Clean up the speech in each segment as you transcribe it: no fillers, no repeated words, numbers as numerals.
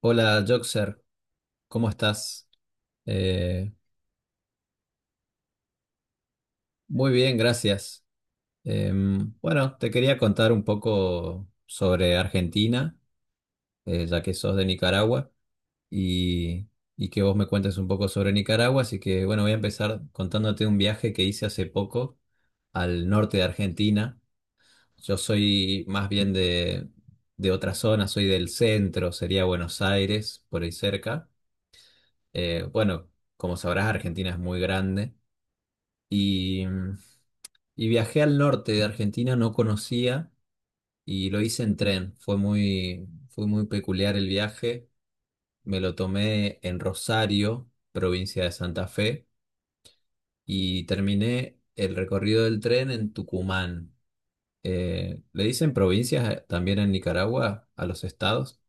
Hola, Joxer, ¿cómo estás? Eh, Muy bien, gracias. Bueno, te quería contar un poco sobre Argentina, ya que sos de Nicaragua, y, y que vos me cuentes un poco sobre Nicaragua. Así que, bueno, voy a empezar contándote un viaje que hice hace poco al norte de Argentina. Yo soy más bien de otra zona, soy del centro, sería Buenos Aires, por ahí cerca. Bueno, como sabrás, Argentina es muy grande. Y, y viajé al norte de Argentina, no conocía y lo hice en tren. Fue muy peculiar el viaje. Me lo tomé en Rosario, provincia de Santa Fe, y terminé el recorrido del tren en Tucumán. ¿Le dicen provincias también en Nicaragua a los estados?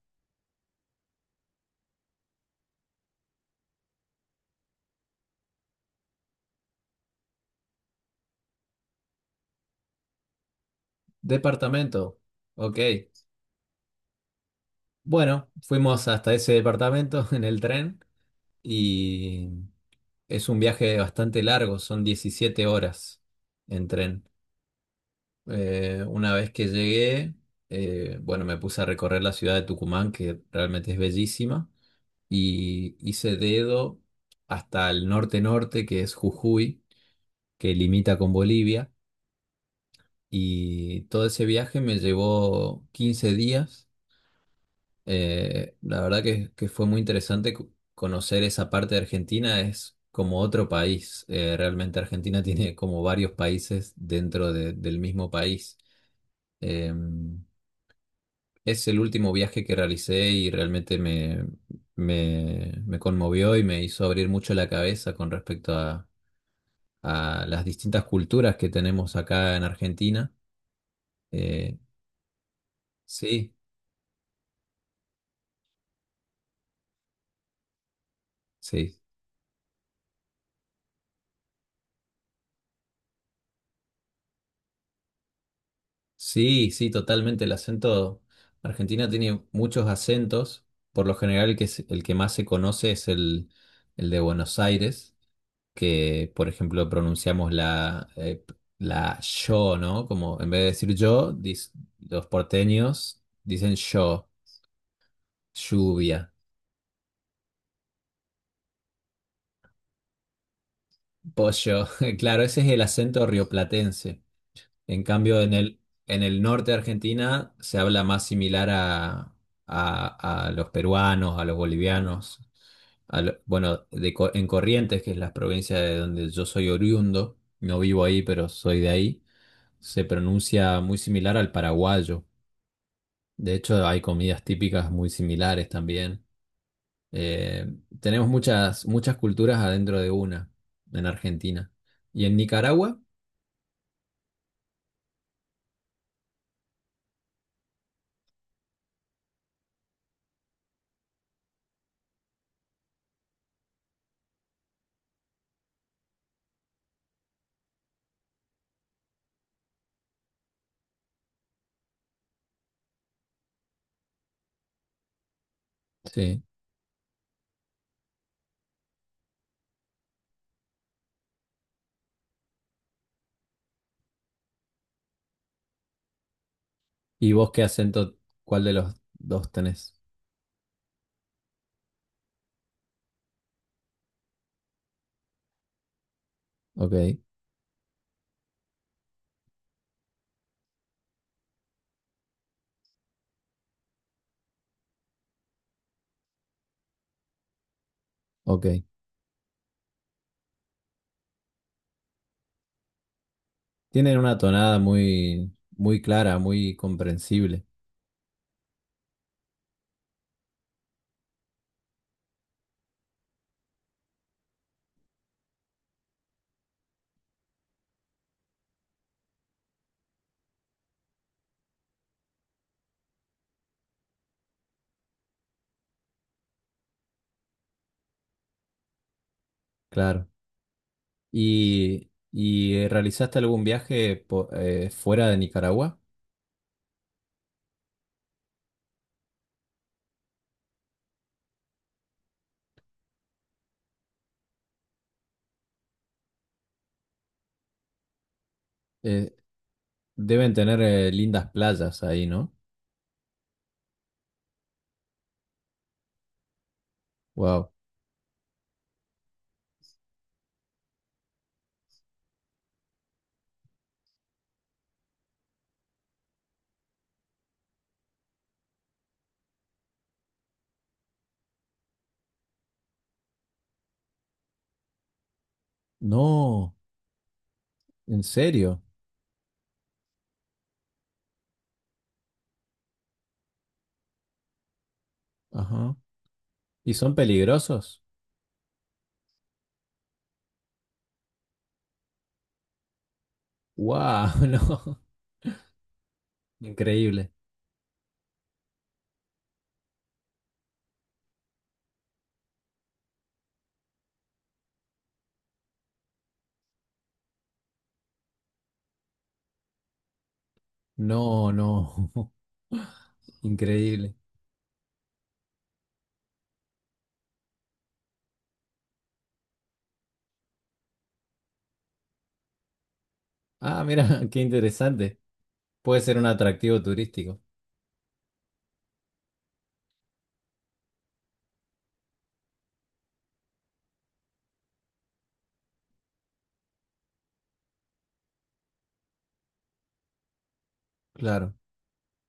Departamento. Ok. Bueno, fuimos hasta ese departamento en el tren y... Es un viaje bastante largo, son 17 horas en tren. Una vez que llegué, bueno, me puse a recorrer la ciudad de Tucumán, que realmente es bellísima, y hice dedo hasta el norte-norte, que es Jujuy, que limita con Bolivia, y todo ese viaje me llevó 15 días. La verdad que fue muy interesante conocer esa parte de Argentina, es como otro país. Realmente Argentina tiene como varios países dentro del mismo país. Eh, es el último viaje que realicé y realmente me conmovió y me hizo abrir mucho la cabeza con respecto a las distintas culturas que tenemos acá en Argentina. Eh, sí, sí. Sí, sí, totalmente. El acento Argentina tiene muchos acentos. Por lo general, el que más se conoce es el de Buenos Aires, que, por ejemplo, pronunciamos la yo, ¿no? Como en vez de decir yo, los porteños dicen yo, lluvia, pollo. Claro, ese es el acento rioplatense. En cambio, en el norte de Argentina se habla más similar a los peruanos, a los bolivianos, bueno, en Corrientes, que es la provincia de donde yo soy oriundo, no vivo ahí, pero soy de ahí, se pronuncia muy similar al paraguayo. De hecho, hay comidas típicas muy similares también. Eh, Tenemos muchas, muchas culturas adentro de una en Argentina. ¿Y en Nicaragua? Sí. ¿Y vos cuál de los dos tenés? Ok, ok. Tienen una tonada muy, muy clara, muy comprensible, claro. ¿Y realizaste algún viaje fuera de Nicaragua? Eh, Deben tener lindas playas ahí, ¿no? Wow. No, ¿en serio? Ajá. ¿Y son peligrosos? Wow, no. Increíble. No, no. Increíble. Ah, mira, qué interesante. Puede ser un atractivo turístico, claro.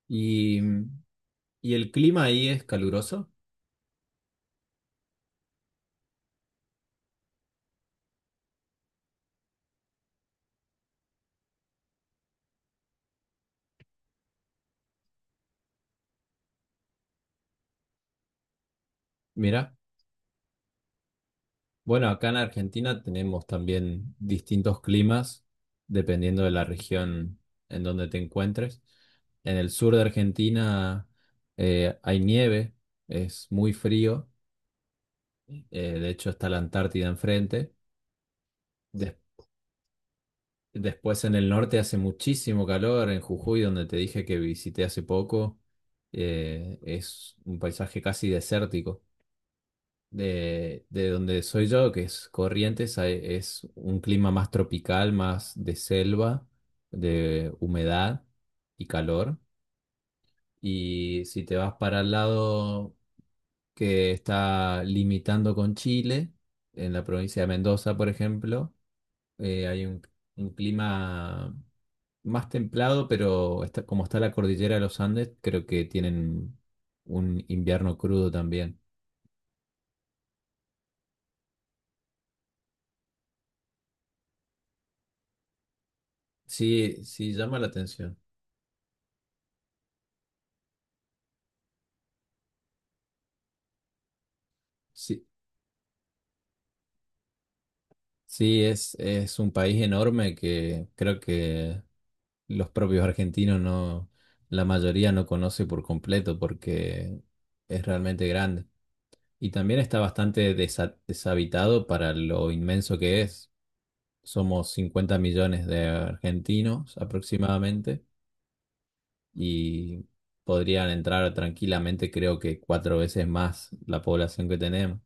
Y, y el clima ahí es caluroso. Mira, bueno, acá en Argentina tenemos también distintos climas dependiendo de la región en donde te encuentres. En el sur de Argentina, hay nieve, es muy frío, de hecho está la Antártida enfrente. Después en el norte hace muchísimo calor, en Jujuy, donde te dije que visité hace poco, es un paisaje casi desértico. De donde soy yo, que es Corrientes, es un clima más tropical, más de selva, de humedad y calor. Y si te vas para el lado que está limitando con Chile, en la provincia de Mendoza, por ejemplo, hay un clima más templado, como está la cordillera de los Andes, creo que tienen un invierno crudo también. Sí, sí, llama la atención. Sí, sí, es un país enorme que creo que los propios argentinos no, la mayoría no conoce por completo porque es realmente grande. Y también está bastante deshabitado para lo inmenso que es. Somos 50 millones de argentinos aproximadamente y podrían entrar tranquilamente, creo que cuatro veces más la población que tenemos.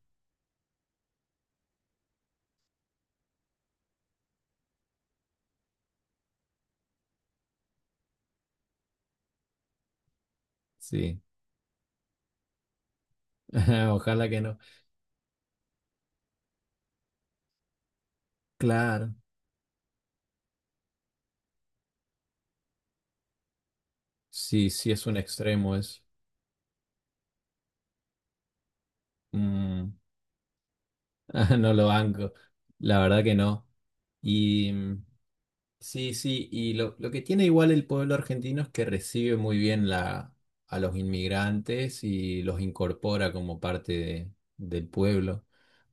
Sí, ojalá que no. Claro, sí, sí es un extremo. mm, no lo banco, la verdad que no. Y mm, Sí, sí, y lo que tiene igual el pueblo argentino es que recibe muy bien a los inmigrantes y los incorpora como parte del pueblo.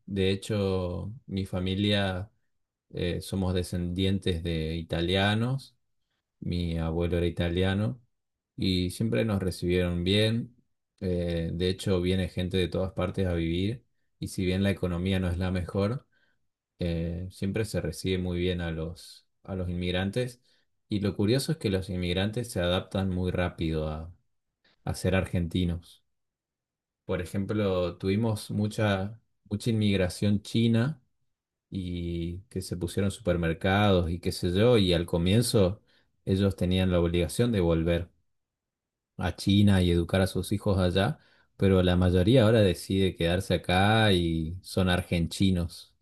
De hecho, mi familia somos descendientes de italianos, mi abuelo era italiano y siempre nos recibieron bien. De hecho, viene gente de todas partes a vivir y si bien la economía no es la mejor, siempre se recibe muy bien a los inmigrantes y lo curioso es que los inmigrantes se adaptan muy rápido a ser argentinos. Por ejemplo, tuvimos mucha inmigración china y que se pusieron supermercados y qué sé yo, y al comienzo ellos tenían la obligación de volver a China y educar a sus hijos allá, pero la mayoría ahora decide quedarse acá y son argentinos.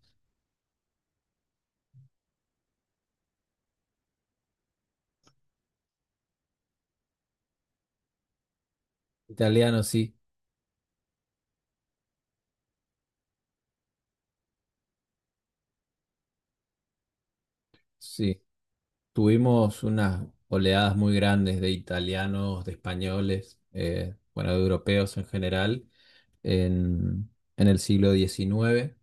Italianos, sí, sí. Tuvimos unas oleadas muy grandes de italianos, de españoles, bueno, de europeos en general, en, en el siglo XIX,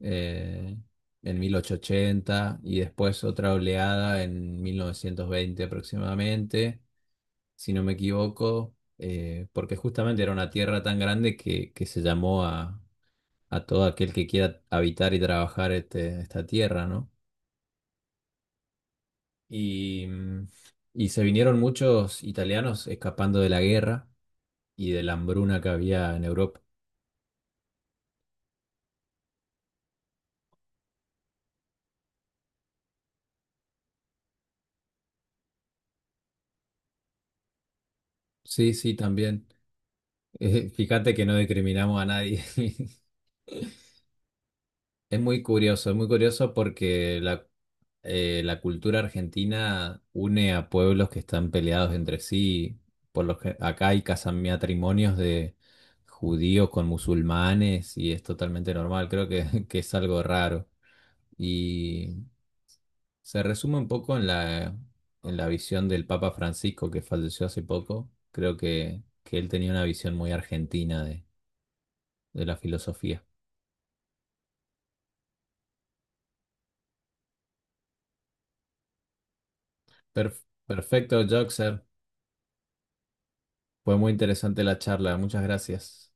eh, en 1880, y después otra oleada en 1920 aproximadamente, si no me equivoco, porque justamente era una tierra tan grande que se llamó a todo aquel que quiera habitar y trabajar esta tierra, ¿no? Y, mm, y se vinieron muchos italianos escapando de la guerra y de la hambruna que había en Europa. Sí, sí, también. Fíjate que no discriminamos a nadie. Es muy curioso porque la cultura argentina une a pueblos que están peleados entre sí. Por lo que acá hay matrimonios de judíos con musulmanes y es totalmente normal. Creo que, que es algo raro. Se resume un poco en la visión del Papa Francisco que falleció hace poco. Creo que él tenía una visión muy argentina de la filosofía. Per- Perfecto, Joxer. Fue muy interesante la charla. Muchas gracias.